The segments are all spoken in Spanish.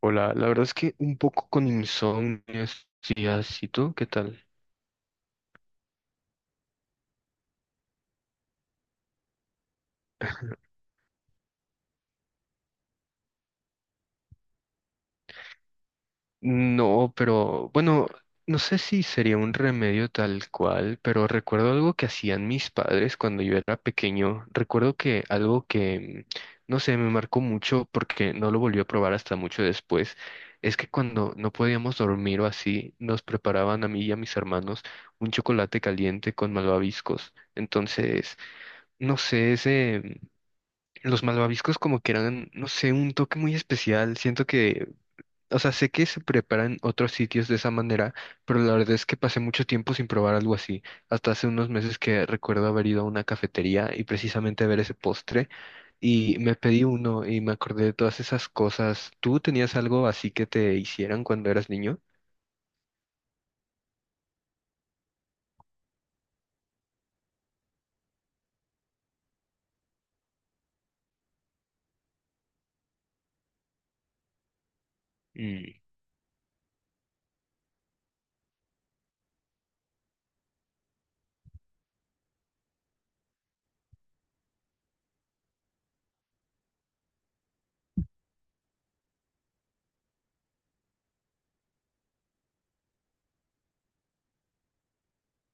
Hola, la verdad es que un poco con insomnio estos días. ¿Y tú qué tal? No, pero bueno, no sé si sería un remedio tal cual, pero recuerdo algo que hacían mis padres cuando yo era pequeño. Recuerdo que algo que, no sé, me marcó mucho porque no lo volví a probar hasta mucho después, es que cuando no podíamos dormir o así, nos preparaban a mí y a mis hermanos un chocolate caliente con malvaviscos. Entonces, no sé, Los malvaviscos como que eran, no sé, un toque muy especial. Siento que, o sea, sé que se preparan otros sitios de esa manera, pero la verdad es que pasé mucho tiempo sin probar algo así. Hasta hace unos meses que recuerdo haber ido a una cafetería y precisamente ver ese postre y me pedí uno y me acordé de todas esas cosas. ¿Tú tenías algo así que te hicieran cuando eras niño? Mm,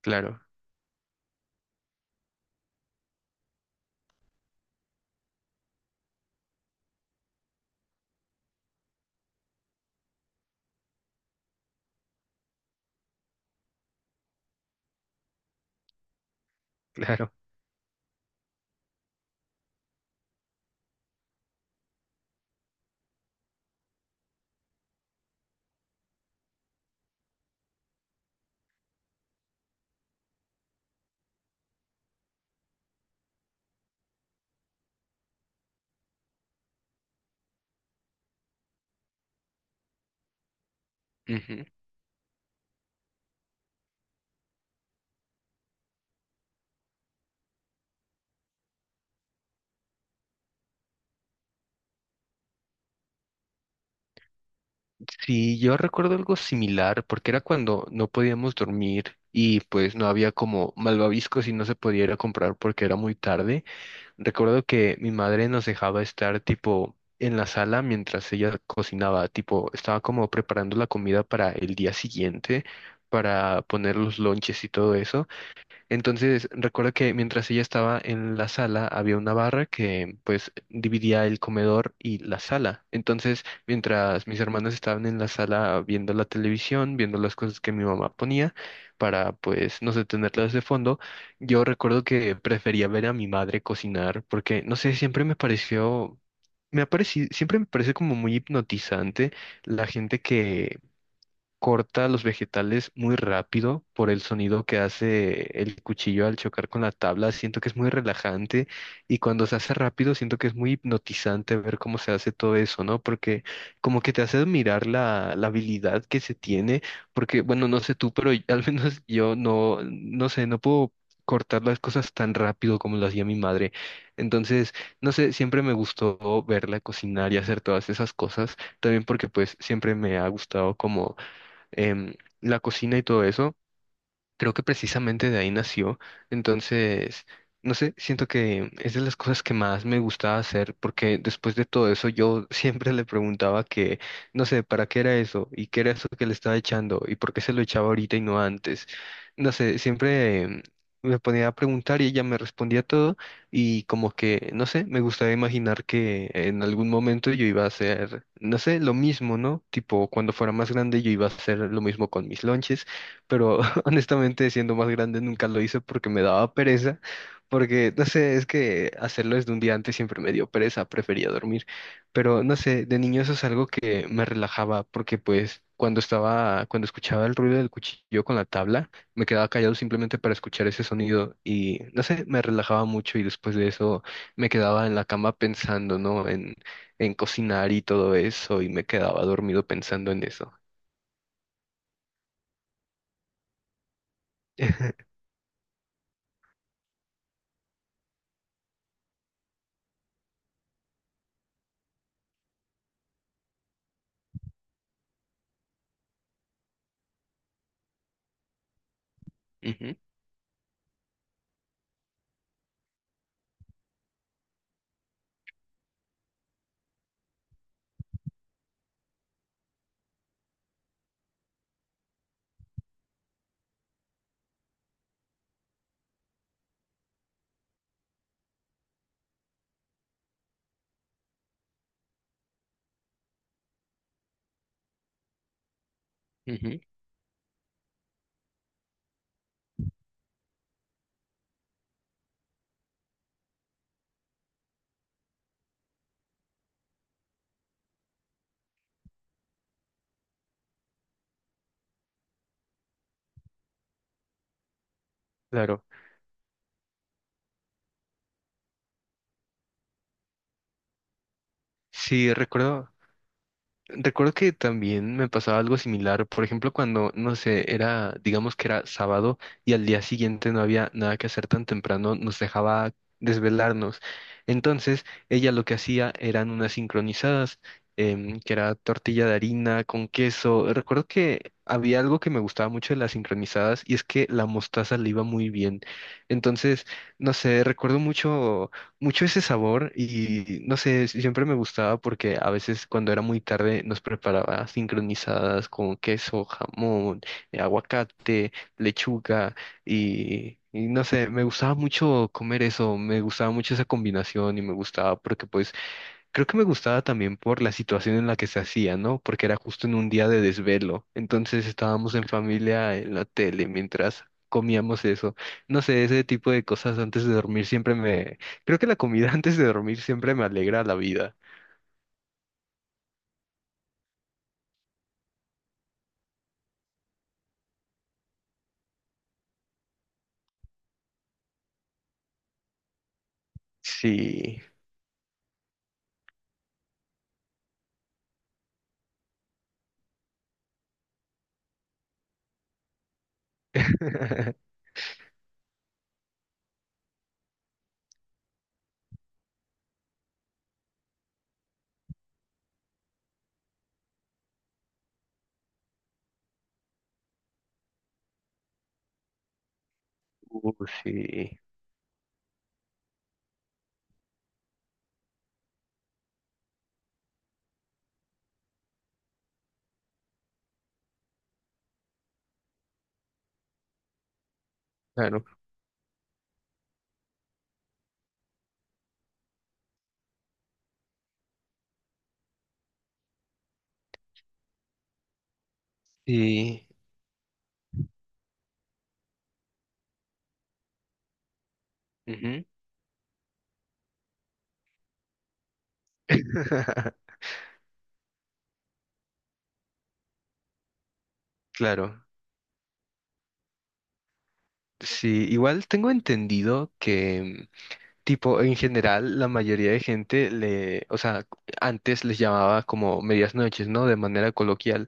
claro, claro. Ujú. Sí, yo recuerdo algo similar, porque era cuando no podíamos dormir y pues no había como malvaviscos y no se podía ir a comprar porque era muy tarde. Recuerdo que mi madre nos dejaba estar tipo en la sala mientras ella cocinaba, tipo estaba como preparando la comida para el día siguiente, para poner los lonches y todo eso. Entonces, recuerdo que mientras ella estaba en la sala, había una barra que pues dividía el comedor y la sala. Entonces, mientras mis hermanos estaban en la sala viendo la televisión, viendo las cosas que mi mamá ponía para pues no sé, tenerlas de fondo, yo recuerdo que prefería ver a mi madre cocinar porque no sé, siempre me ha parecido, siempre me parece como muy hipnotizante la gente que corta los vegetales muy rápido por el sonido que hace el cuchillo al chocar con la tabla. Siento que es muy relajante y cuando se hace rápido siento que es muy hipnotizante ver cómo se hace todo eso, ¿no? Porque como que te hace admirar la habilidad que se tiene, porque bueno, no sé tú, pero al menos yo no, no sé, no puedo cortar las cosas tan rápido como lo hacía mi madre. Entonces, no sé, siempre me gustó verla cocinar y hacer todas esas cosas también porque pues siempre me ha gustado como em, la cocina y todo eso creo que precisamente de ahí nació. Entonces, no sé, siento que es de las cosas que más me gustaba hacer, porque después de todo eso yo siempre le preguntaba que, no sé, ¿para qué era eso? ¿Y qué era eso que le estaba echando? ¿Y por qué se lo echaba ahorita y no antes? No sé, siempre me ponía a preguntar y ella me respondía todo y como que, no sé, me gustaba imaginar que en algún momento yo iba a hacer, no sé, lo mismo, ¿no? Tipo, cuando fuera más grande yo iba a hacer lo mismo con mis lonches pero honestamente siendo más grande nunca lo hice porque me daba pereza, porque no sé, es que hacerlo desde un día antes siempre me dio pereza, prefería dormir, pero no sé, de niño eso es algo que me relajaba porque pues cuando estaba, cuando escuchaba el ruido del cuchillo con la tabla, me quedaba callado simplemente para escuchar ese sonido y no sé, me relajaba mucho y después de eso me quedaba en la cama pensando, ¿no? En cocinar y todo eso y me quedaba dormido pensando en eso. Ujú, ujú, claro. Sí, recuerdo que también me pasaba algo similar. Por ejemplo, cuando, no sé, era, digamos que era sábado y al día siguiente no había nada que hacer tan temprano, nos dejaba desvelarnos. Entonces, ella lo que hacía eran unas sincronizadas, que era tortilla de harina con queso. Recuerdo que había algo que me gustaba mucho de las sincronizadas y es que la mostaza le iba muy bien. Entonces, no sé, recuerdo mucho ese sabor y no sé, siempre me gustaba porque a veces cuando era muy tarde nos preparaba sincronizadas con queso, jamón, aguacate, lechuga y no sé, me gustaba mucho comer eso, me gustaba mucho esa combinación y me gustaba porque pues creo que me gustaba también por la situación en la que se hacía, ¿no? Porque era justo en un día de desvelo. Entonces estábamos en familia en la tele mientras comíamos eso. No sé, ese tipo de cosas antes de dormir siempre me... Creo que la comida antes de dormir siempre me alegra la vida. Sí. Uh, sí. Claro. Sí. Ujú. Claro. Sí, igual tengo entendido que tipo, en general, la mayoría de gente o sea, antes les llamaba como medias noches, ¿no? De manera coloquial,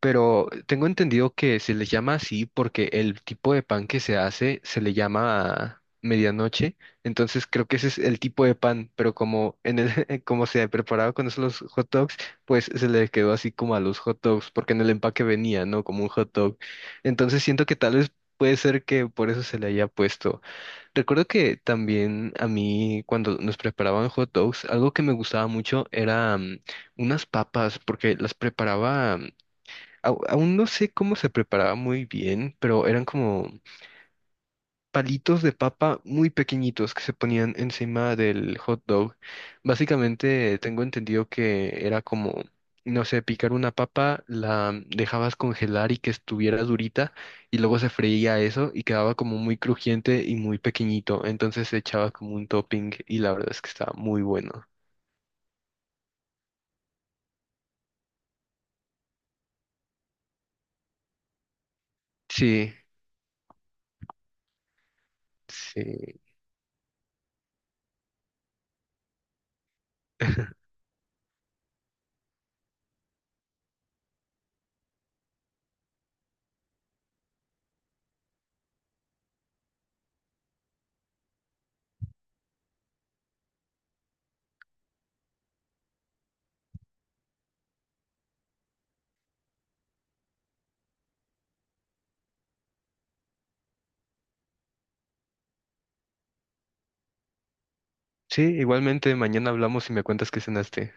pero tengo entendido que se les llama así porque el tipo de pan que se hace se le llama medianoche, entonces creo que ese es el tipo de pan, pero como en como se preparaba con eso los hot dogs, pues se le quedó así como a los hot dogs, porque en el empaque venía, ¿no? Como un hot dog. Entonces siento que tal vez puede ser que por eso se le haya puesto. Recuerdo que también a mí cuando nos preparaban hot dogs, algo que me gustaba mucho era unas papas, porque las preparaba, aún no sé cómo se preparaba muy bien, pero eran como palitos de papa muy pequeñitos que se ponían encima del hot dog. Básicamente tengo entendido que era como, no sé, picar una papa, la dejabas congelar y que estuviera durita y luego se freía eso y quedaba como muy crujiente y muy pequeñito. Entonces se echaba como un topping y la verdad es que estaba muy bueno. Sí, sí. Sí, igualmente mañana hablamos y me cuentas qué cenaste.